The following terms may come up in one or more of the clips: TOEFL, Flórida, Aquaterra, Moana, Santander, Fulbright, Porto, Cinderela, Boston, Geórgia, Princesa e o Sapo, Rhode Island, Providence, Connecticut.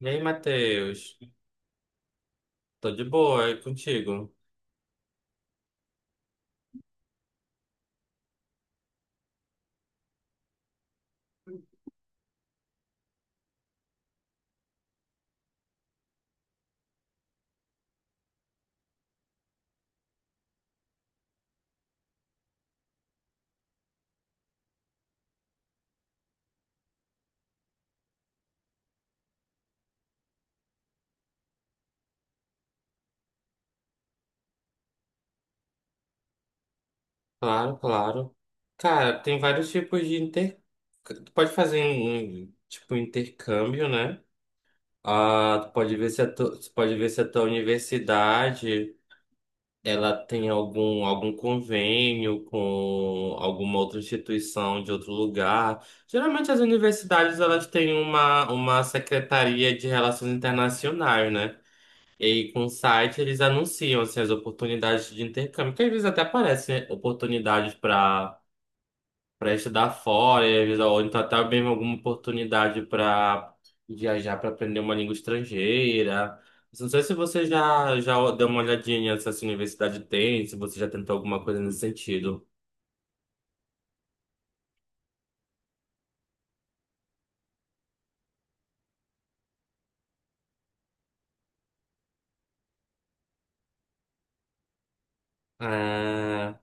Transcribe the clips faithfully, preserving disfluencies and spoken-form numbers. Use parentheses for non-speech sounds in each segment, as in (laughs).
E aí, Matheus? Tô de boa, é contigo? Claro, claro. Cara, tem vários tipos de inter... Tu pode fazer um, um, tipo, intercâmbio, né? Ah, tu pode ver se a tu... tu pode ver se a tua universidade, ela tem algum, algum convênio com alguma outra instituição de outro lugar. Geralmente as universidades, elas têm uma, uma secretaria de relações internacionais, né? E aí, com o site, eles anunciam assim, as oportunidades de intercâmbio, que às vezes até aparecem, né? Oportunidades para para estudar fora, e às vezes, ou então até mesmo alguma oportunidade para viajar para aprender uma língua estrangeira. Não sei se você já, já deu uma olhadinha nessa essa universidade tem, se você já tentou alguma coisa nesse sentido. Ah,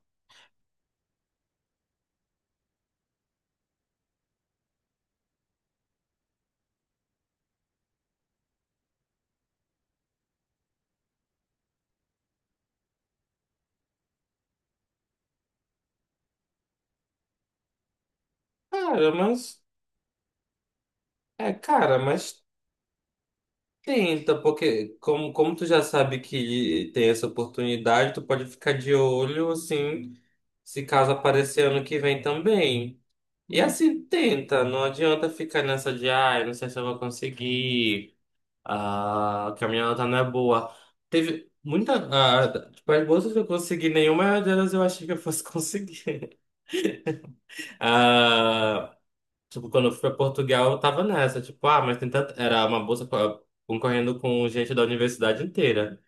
cara, mas. É, cara, mas tenta, porque como, como tu já sabe que tem essa oportunidade, tu pode ficar de olho, assim. Se caso aparecer ano que vem também. E assim, tenta, não adianta ficar nessa de, ai, não sei se eu vou conseguir, ah, que a minha nota não é boa. Teve muita, ah, tipo, as bolsas que eu consegui, nenhuma delas eu achei que eu fosse (laughs) conseguir. Ah, tipo, quando eu fui pra Portugal, eu tava nessa, tipo, ah, mas tem tanta, era uma bolsa co- concorrendo com gente da universidade inteira.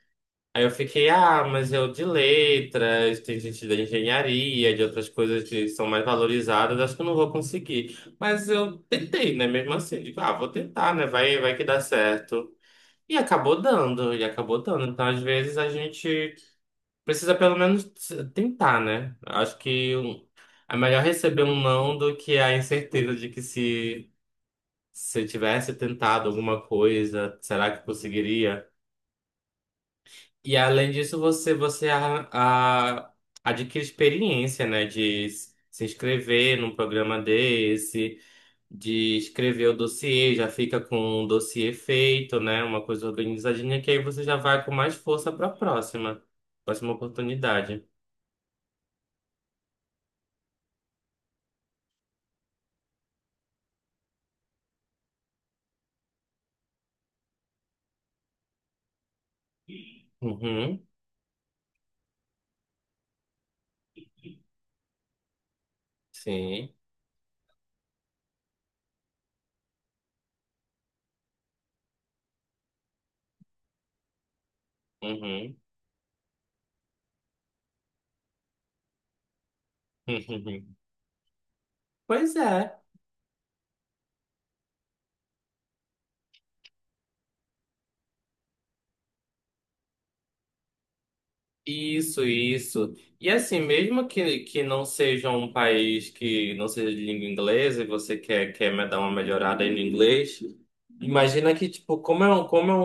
Aí eu fiquei, ah, mas eu de letras, tem gente da engenharia, de outras coisas que são mais valorizadas, acho que eu não vou conseguir. Mas eu tentei, né? Mesmo assim, digo, ah, vou tentar, né? Vai, vai que dá certo. E acabou dando, e acabou dando. Então, às vezes, a gente precisa pelo menos t- tentar, né? Acho que o- é melhor receber um não do que a incerteza de que se, se eu tivesse tentado alguma coisa, será que conseguiria? E além disso, você, você a- a- adquire experiência, né? De s- se inscrever num programa desse, de escrever o dossiê, já fica com um dossiê feito, né? Uma coisa organizadinha, que aí você já vai com mais força para a próxima, próxima oportunidade. Uhum, sim. Uhum. (laughs) Pois é. Isso, isso. E assim, mesmo que, que não seja um país que não seja de língua inglesa e você quer, quer me dar uma melhorada aí no inglês, imagina que, tipo, como é um, como é um, um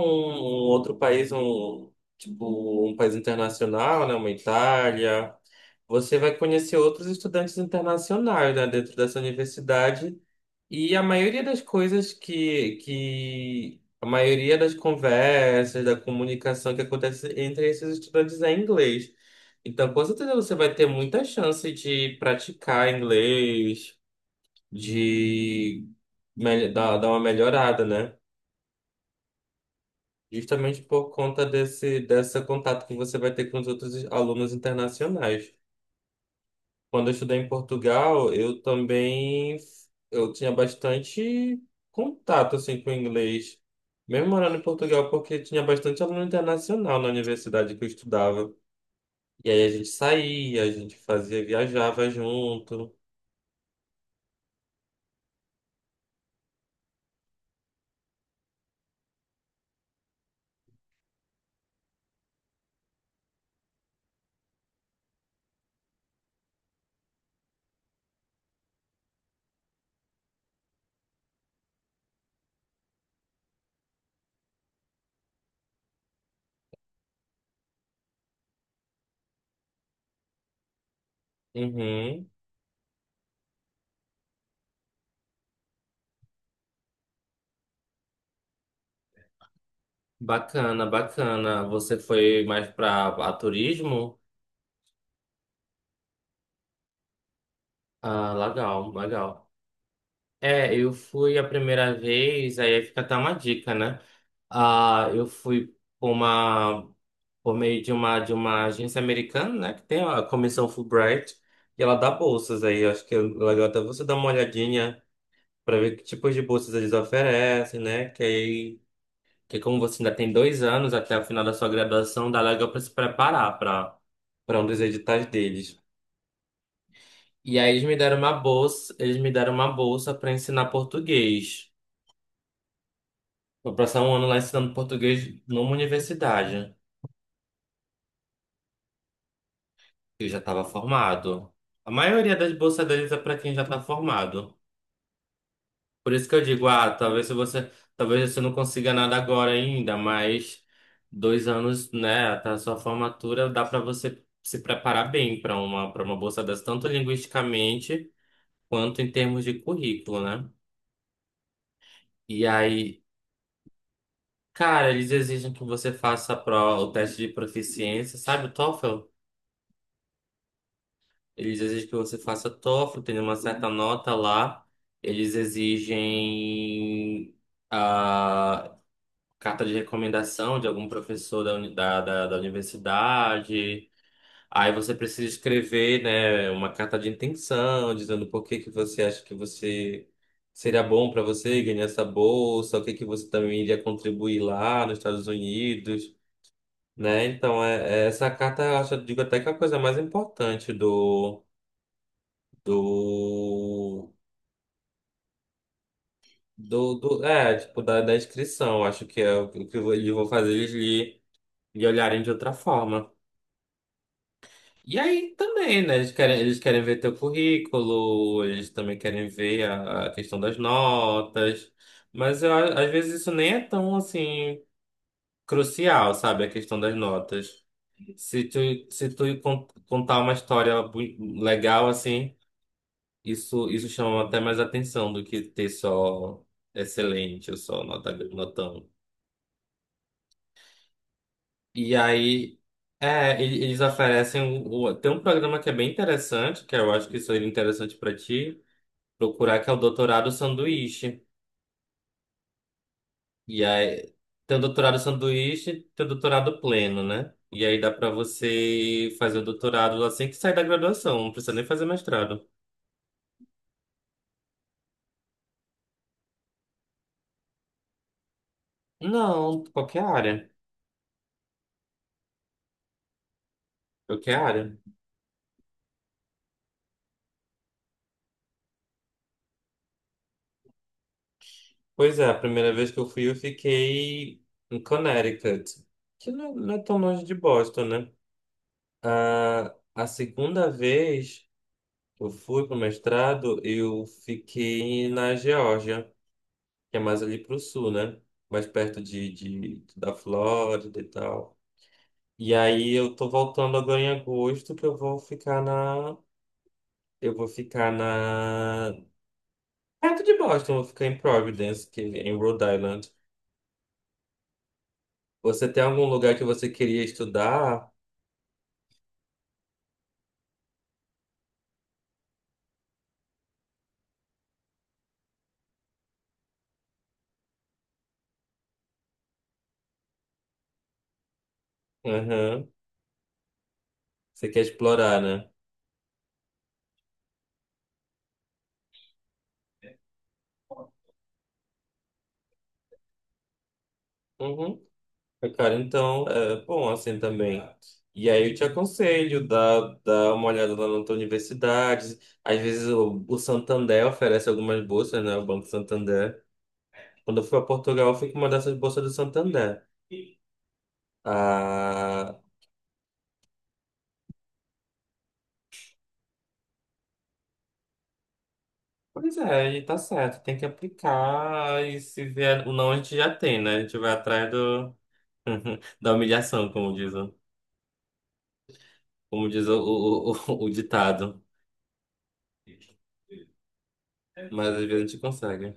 outro país, um, tipo, um país internacional, né, uma Itália, você vai conhecer outros estudantes internacionais, né, dentro dessa universidade e a maioria das coisas que, que a maioria das conversas, da comunicação que acontece entre esses estudantes é em inglês. Então, com certeza você vai ter muita chance de praticar inglês, de mel- dar, dar uma melhorada, né? Justamente por conta desse, desse contato que você vai ter com os outros alunos internacionais. Quando eu estudei em Portugal, eu também eu tinha bastante contato assim com o inglês, mesmo morando em Portugal, porque tinha bastante aluno internacional na universidade que eu estudava. E aí a gente saía, a gente fazia, viajava junto. Uhum. Bacana, bacana. Você foi mais para turismo? Ah, legal, legal. É, eu fui a primeira vez, aí fica até uma dica, né? Ah, eu fui para uma por meio de uma, de uma agência americana, né, que tem a comissão Fulbright, e ela dá bolsas aí. Eu acho que é legal até você dar uma olhadinha para ver que tipos de bolsas eles oferecem, né, que aí, que como você ainda tem dois anos até o final da sua graduação, dá legal para se preparar para para um dos editais deles. E aí eles me deram uma bolsa, eles me deram uma bolsa para ensinar português. Vou passar um ano lá ensinando português numa universidade. Eu já estava formado. A maioria das bolsas deles é para quem já está formado. Por isso que eu digo, ah, talvez se você, talvez você não consiga nada agora ainda, mas dois anos, né, até a sua formatura dá para você se preparar bem para uma para uma bolsa dessa, tanto linguisticamente quanto em termos de currículo, né? E aí, cara, eles exigem que você faça a prova, o teste de proficiência, sabe, o T O E F L? Eles exigem que você faça tófel, tenha uma certa nota lá. Eles exigem ah, carta de recomendação de algum professor da, uni- da, da, da universidade. Aí você precisa escrever, né, uma carta de intenção, dizendo por que que você acha que você seria bom para você ganhar essa bolsa, o que que você também iria contribuir lá nos Estados Unidos, né? Então, é, é- essa carta, eu acho, eu digo até que é a coisa mais importante do, do Do, do, é, tipo, da, da inscrição. Eu acho que é o que o que eu vou- eles vão fazer eles lhe, lhe olharem de outra forma. E aí também, né? Eles querem, eles querem ver teu currículo, eles também querem ver a, a questão das notas. Mas eu a- às vezes isso nem é tão assim crucial, sabe? A questão das notas. Se tu, se tu con- contar uma história bu- legal assim, isso, isso chama até mais atenção do que ter só excelente ou só nota, notão. E aí. É, ele- eles oferecem. o- o- Tem um programa que é bem interessante, que eu acho que seria interessante pra ti, procurar que é o doutorado sanduíche. E aí tem o doutorado sanduíche, tem o doutorado pleno, né? E aí dá pra você fazer o doutorado assim que sai da graduação, não precisa nem fazer mestrado. Não, qualquer área, qualquer área. Pois é, a primeira vez que eu fui eu fiquei em Connecticut, que não, não é tão longe de Boston, né? Ah, a segunda vez que eu fui pro mestrado, eu fiquei na Geórgia, que é mais ali pro sul, né? Mais perto de, de, da Flórida e tal. E aí eu tô voltando agora em agosto, que eu vou ficar na. Eu vou ficar na. Perto de Boston, eu vou ficar em Providence, que é em Rhode Island. Você tem algum lugar que você queria estudar? Aham. Você quer explorar, né? Uhum. Cara, então, é bom assim também. E aí eu te aconselho, dá, dá uma olhada lá na tua universidade. Às vezes o, o Santander oferece algumas bolsas, né? O Banco Santander. Quando eu fui para Portugal, eu fui com uma dessas bolsas do Santander. Ah, pois é, e tá certo. Tem que aplicar e se vier o não, a gente já tem, né? A gente vai atrás do, (laughs) da humilhação, como diz, o- como diz o, o, o, o ditado. Mas às vezes a gente consegue.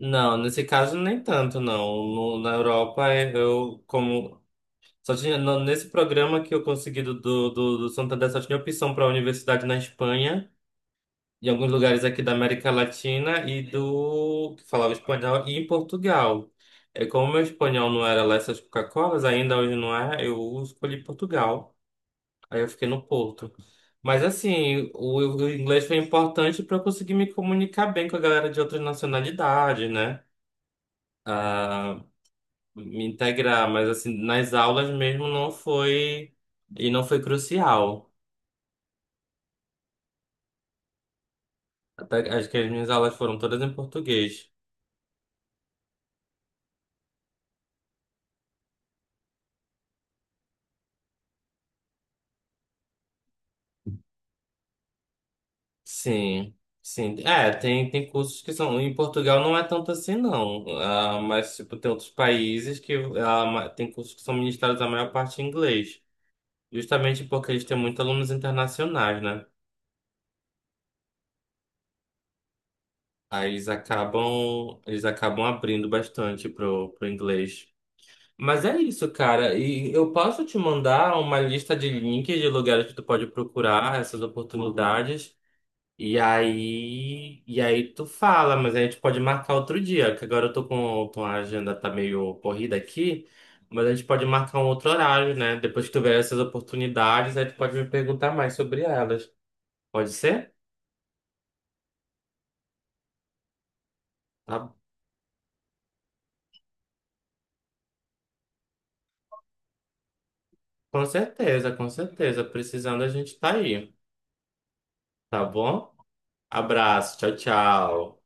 Não, nesse caso nem tanto, não. No- na Europa, eh, eu como só tinha no- nesse programa que eu consegui do, do, do, do Santander só tinha opção para a universidade na Espanha, em alguns lugares aqui da América Latina e do que falava espanhol e em Portugal. É como meu espanhol não era lá essas Coca-Colas, ainda hoje não é, eu escolhi Portugal. Aí eu fiquei no Porto. Mas assim, o, o inglês foi importante para eu conseguir me comunicar bem com a galera de outras nacionalidades, né? Ah, me integrar, mas assim, nas aulas mesmo não foi e não foi crucial. Até acho que as minhas aulas foram todas em português. Sim. Sim, é, tem, tem cursos que são. Em Portugal não é tanto assim, não. Ah, mas, tipo, tem outros países que ah, ma- tem cursos que são ministrados a maior parte em inglês. Justamente porque eles têm muitos alunos internacionais, né? Aí eles acabam, eles acabam abrindo bastante pro, pro inglês. Mas é isso, cara. E eu posso te mandar uma lista de links de lugares que tu pode procurar essas oportunidades. E aí, e aí tu fala, mas a gente pode marcar outro dia, que agora eu tô com, com a agenda tá meio corrida aqui, mas a gente pode marcar um outro horário, né? Depois que tu ver essas oportunidades, aí tu pode me perguntar mais sobre elas. Pode ser? Tá, com certeza, com certeza. Precisando, a gente tá aí, tá bom? Abraço, tchau, tchau.